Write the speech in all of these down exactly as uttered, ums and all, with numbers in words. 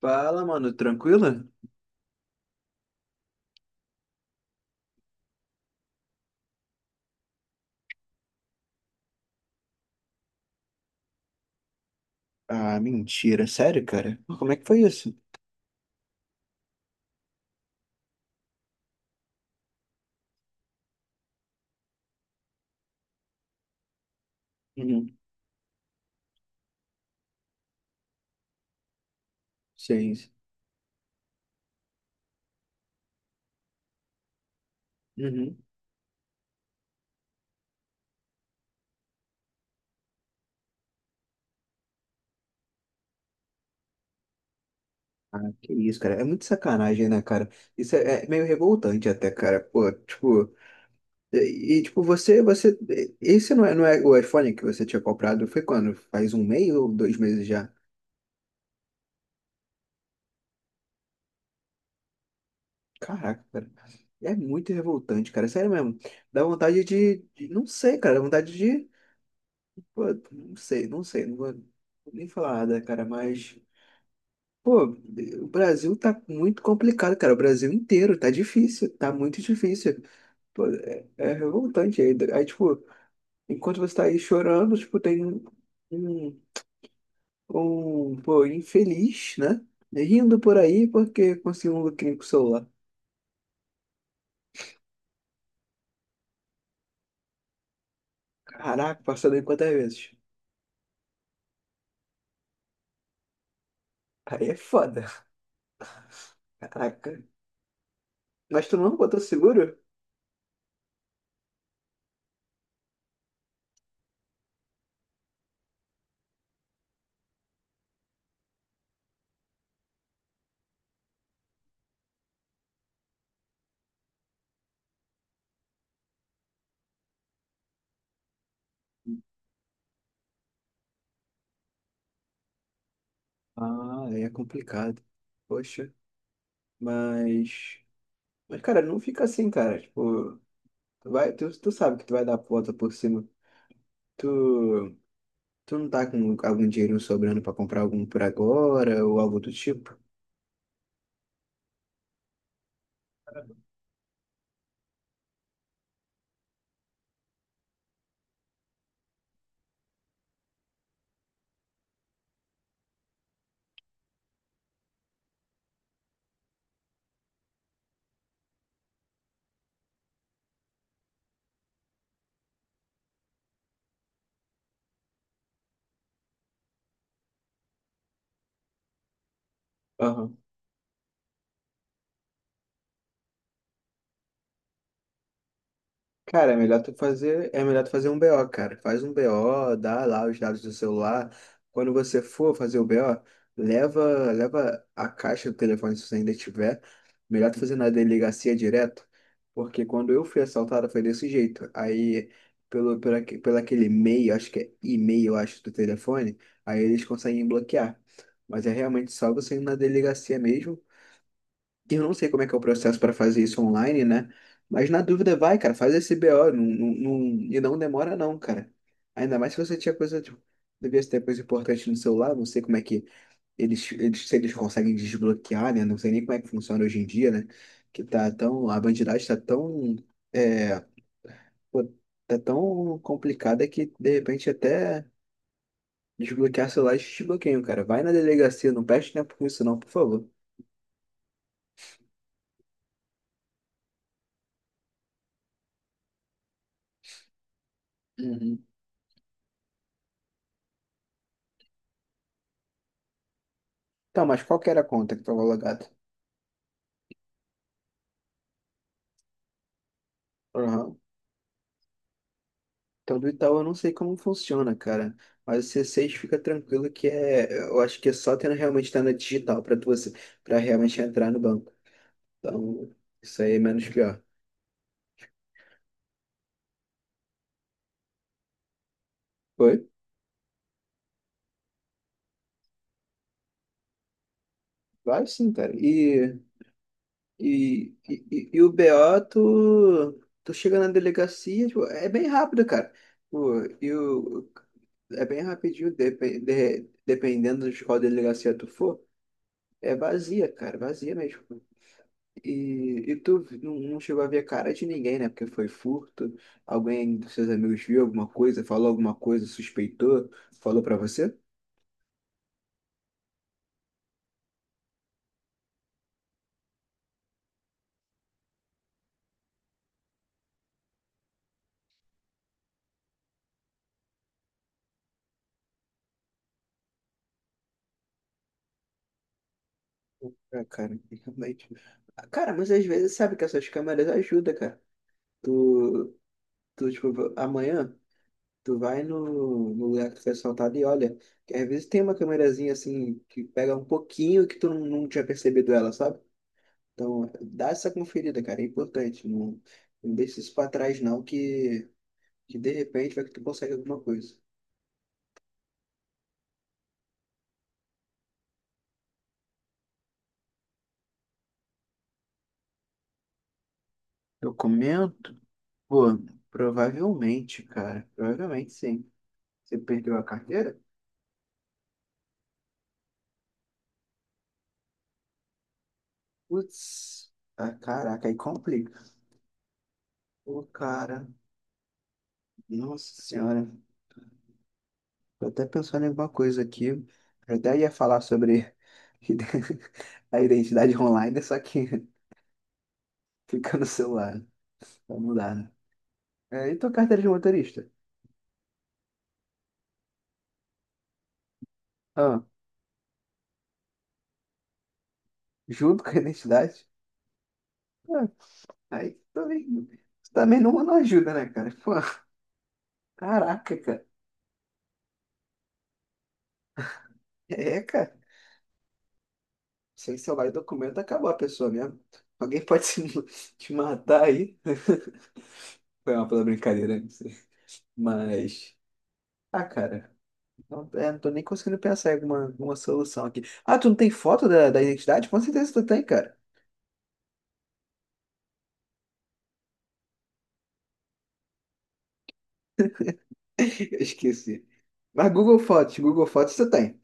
Fala, mano, tranquilo? Ah, mentira, sério, cara? Como é que foi isso? Uhum. Seis. Uhum. Ah, que isso, cara. É muito sacanagem, né, cara? Isso é, é meio revoltante até, cara. Pô, tipo, e, e, tipo, você, você, esse não é, não é o iPhone que você tinha comprado? Foi quando? Faz um mês ou dois meses já? Caraca, cara. É muito revoltante, cara. Sério mesmo. Dá vontade de, de- não sei, cara. Dá vontade de, pô, não sei, não sei. Não vou nem falar nada, cara, mas. Pô, o Brasil tá muito complicado, cara. O Brasil inteiro tá difícil, tá muito difícil. Pô, é, é revoltante. Aí, aí, tipo, enquanto você tá aí chorando, tipo, tem um, um, um, pô, infeliz, né? Rindo por aí porque conseguiu um lucrinho com o celular. Caraca, passou daí quantas vezes? Aí é foda. Caraca. Mas tu não botou seguro? Ah, aí é complicado. Poxa, mas. Mas, cara, não fica assim, cara. Tipo. Tu vai, tu, tu sabe que tu vai dar a volta por cima. Tu, tu não tá com algum dinheiro sobrando pra comprar algum por agora ou algo do tipo? Cara, é melhor tu fazer, é melhor tu fazer um B O, cara. Faz um B O, dá lá os dados do celular. Quando você for fazer o B O, leva, leva a caixa do telefone se você ainda tiver. Melhor tu fazer na delegacia direto, porque quando eu fui assaltado foi desse jeito. Aí, pelo, pelo, aque- pelo aquele e-mail, acho que é e-mail, acho, do telefone, aí eles conseguem bloquear. Mas é realmente só você ir na delegacia mesmo. Eu não sei como é que é o processo para fazer isso online, né? Mas na dúvida, vai, cara, faz esse B O. Não, não- não- e não demora, não, cara. Ainda mais se você tinha coisa. Tipo, devia ter coisa importante no celular. Não sei como é que eles, eles, se eles conseguem desbloquear, né? Não sei nem como é que funciona hoje em dia, né? Que tá tão. A bandidagem tá tão. É, pô, tá tão complicada que, de repente, até desbloquear celular eles desbloqueiam, cara. Vai na delegacia, não perde tempo com isso, não, por favor. Uhum. Então, mas qual que era a conta que estava logada? Aham. Então, do Itaú eu não sei como funciona, cara. Mas o C seis fica tranquilo que é. Eu acho que é só tendo realmente estar na digital pra tu, para realmente entrar no banco. Então, isso aí é menos pior. Foi? Vai sim, cara. E, e, e, e- e o B O, tu, tu chega na delegacia, tipo, é bem rápido, cara. Pô, e o, é bem rapidinho, depe- de- dependendo de qual delegacia tu for. É vazia, cara, vazia mesmo. E, e tu não, não chegou a ver a cara de ninguém, né? Porque foi furto. Alguém dos seus amigos viu alguma coisa, falou alguma coisa, suspeitou, falou pra você? Ah, cara, realmente. Ah, cara, mas às vezes sabe que essas câmeras ajudam, cara. Tu, tu tipo, amanhã tu vai no, no lugar que foi assaltado e olha. Que às vezes tem uma câmerazinha assim que pega um pouquinho que tu não, não tinha percebido ela, sabe? Então, dá essa conferida, cara. É importante. Não, não deixa isso pra trás, não, que. Que de repente vai que tu consegue alguma coisa. Documento? Pô, provavelmente, cara. Provavelmente sim. Você perdeu a carteira? Putz, ah, caraca, aí complica. Pô, cara, nossa senhora. Tô até pensando em alguma coisa aqui. Eu até ia falar sobre ide- a identidade online, só que fica no celular. Vai mudar, né? É, e tua carteira de motorista? Ah, junto com a identidade? Ah, aí também, também não, não ajuda, né, cara? Pô. Caraca, cara. É, cara. Sem salvar o documento, acabou a pessoa mesmo. Alguém pode se- te matar aí. Foi uma pela brincadeira, não sei. Mas. Ah, cara. Não, é, não tô nem conseguindo pensar em alguma, alguma solução aqui. Ah, tu não tem foto da, da identidade? Com certeza tu tem, cara. Eu esqueci. Mas Google Fotos, Google Fotos tu tem.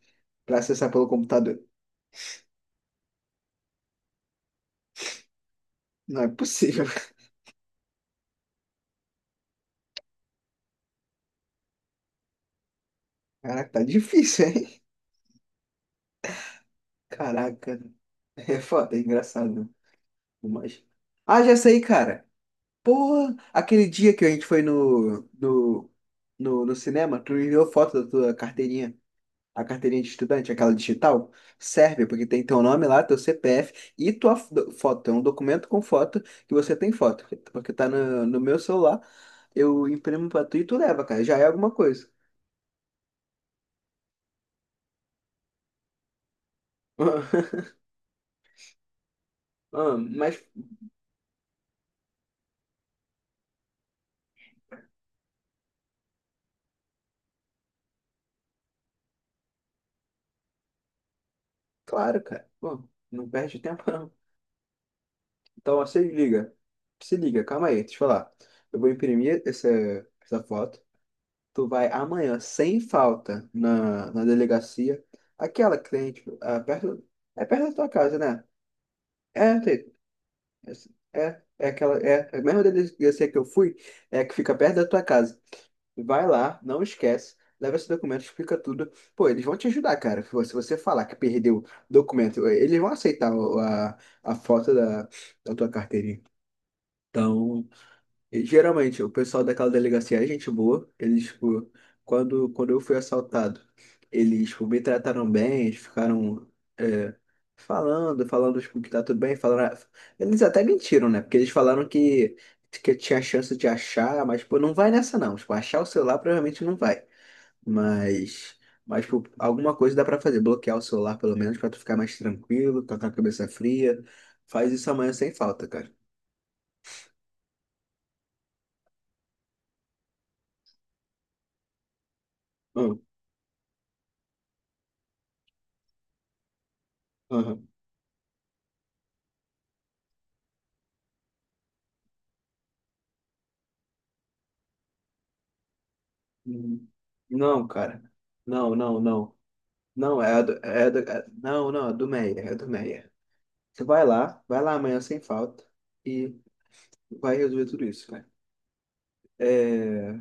Pra acessar pelo computador. Não é possível. Caraca, tá difícil, hein? Caraca. É foda, é engraçado. Mas... Ah, já sei, cara. Porra, aquele dia que a gente foi no, no, no, no cinema, tu me enviou foto da tua carteirinha, a carteirinha de estudante, aquela digital, serve, porque tem teu nome lá, teu C P F e tua fo- foto. É um documento com foto que você tem foto, porque tá no, no meu celular, eu imprimo pra tu e tu leva, cara, já é alguma coisa. Ah, Mas, claro, cara, pô, não perde tempo não. Então, ó, se liga, se liga, calma aí, deixa eu falar. Eu vou imprimir essa, essa foto. Tu vai amanhã, sem falta, na, na delegacia. Aquela cliente, ah, perto, é perto da tua casa, né? É, tem- é, é aquela, é, é a mesma delegacia que eu fui, é a que fica perto da tua casa. Vai lá, não esquece, leva esse documento, explica tudo. Pô, eles vão te ajudar, cara. Se você se você falar que perdeu documento, eles vão aceitar o- a, a foto da, da tua carteirinha. Então, e, geralmente, o pessoal daquela delegacia é gente boa. Eles, tipo, quando, quando eu fui assaltado, eles, tipo, me trataram bem, eles ficaram é, falando, falando, tipo, que tá tudo bem, falaram... Eles até mentiram, né? Porque eles falaram que, que tinha chance de achar, mas, tipo não vai nessa, não. Tipo, achar o celular provavelmente não vai. Mas, mas, tipo, alguma coisa dá pra fazer. Bloquear o celular, pelo menos, pra tu ficar mais tranquilo, tá com a cabeça fria. Faz isso amanhã sem falta, cara. Hum, aham. Uhum. Não, cara. Não, não, não. Não, é a do, é a do, é- não, não, é do Meia, é do Meia. Você vai lá, vai lá amanhã sem falta e vai resolver tudo isso, cara. É,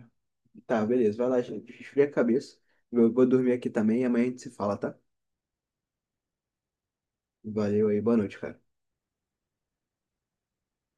tá, beleza, vai lá, gente. Esfria a cabeça. Eu vou dormir aqui também e amanhã a gente se fala, tá? Valeu aí, boa noite, cara.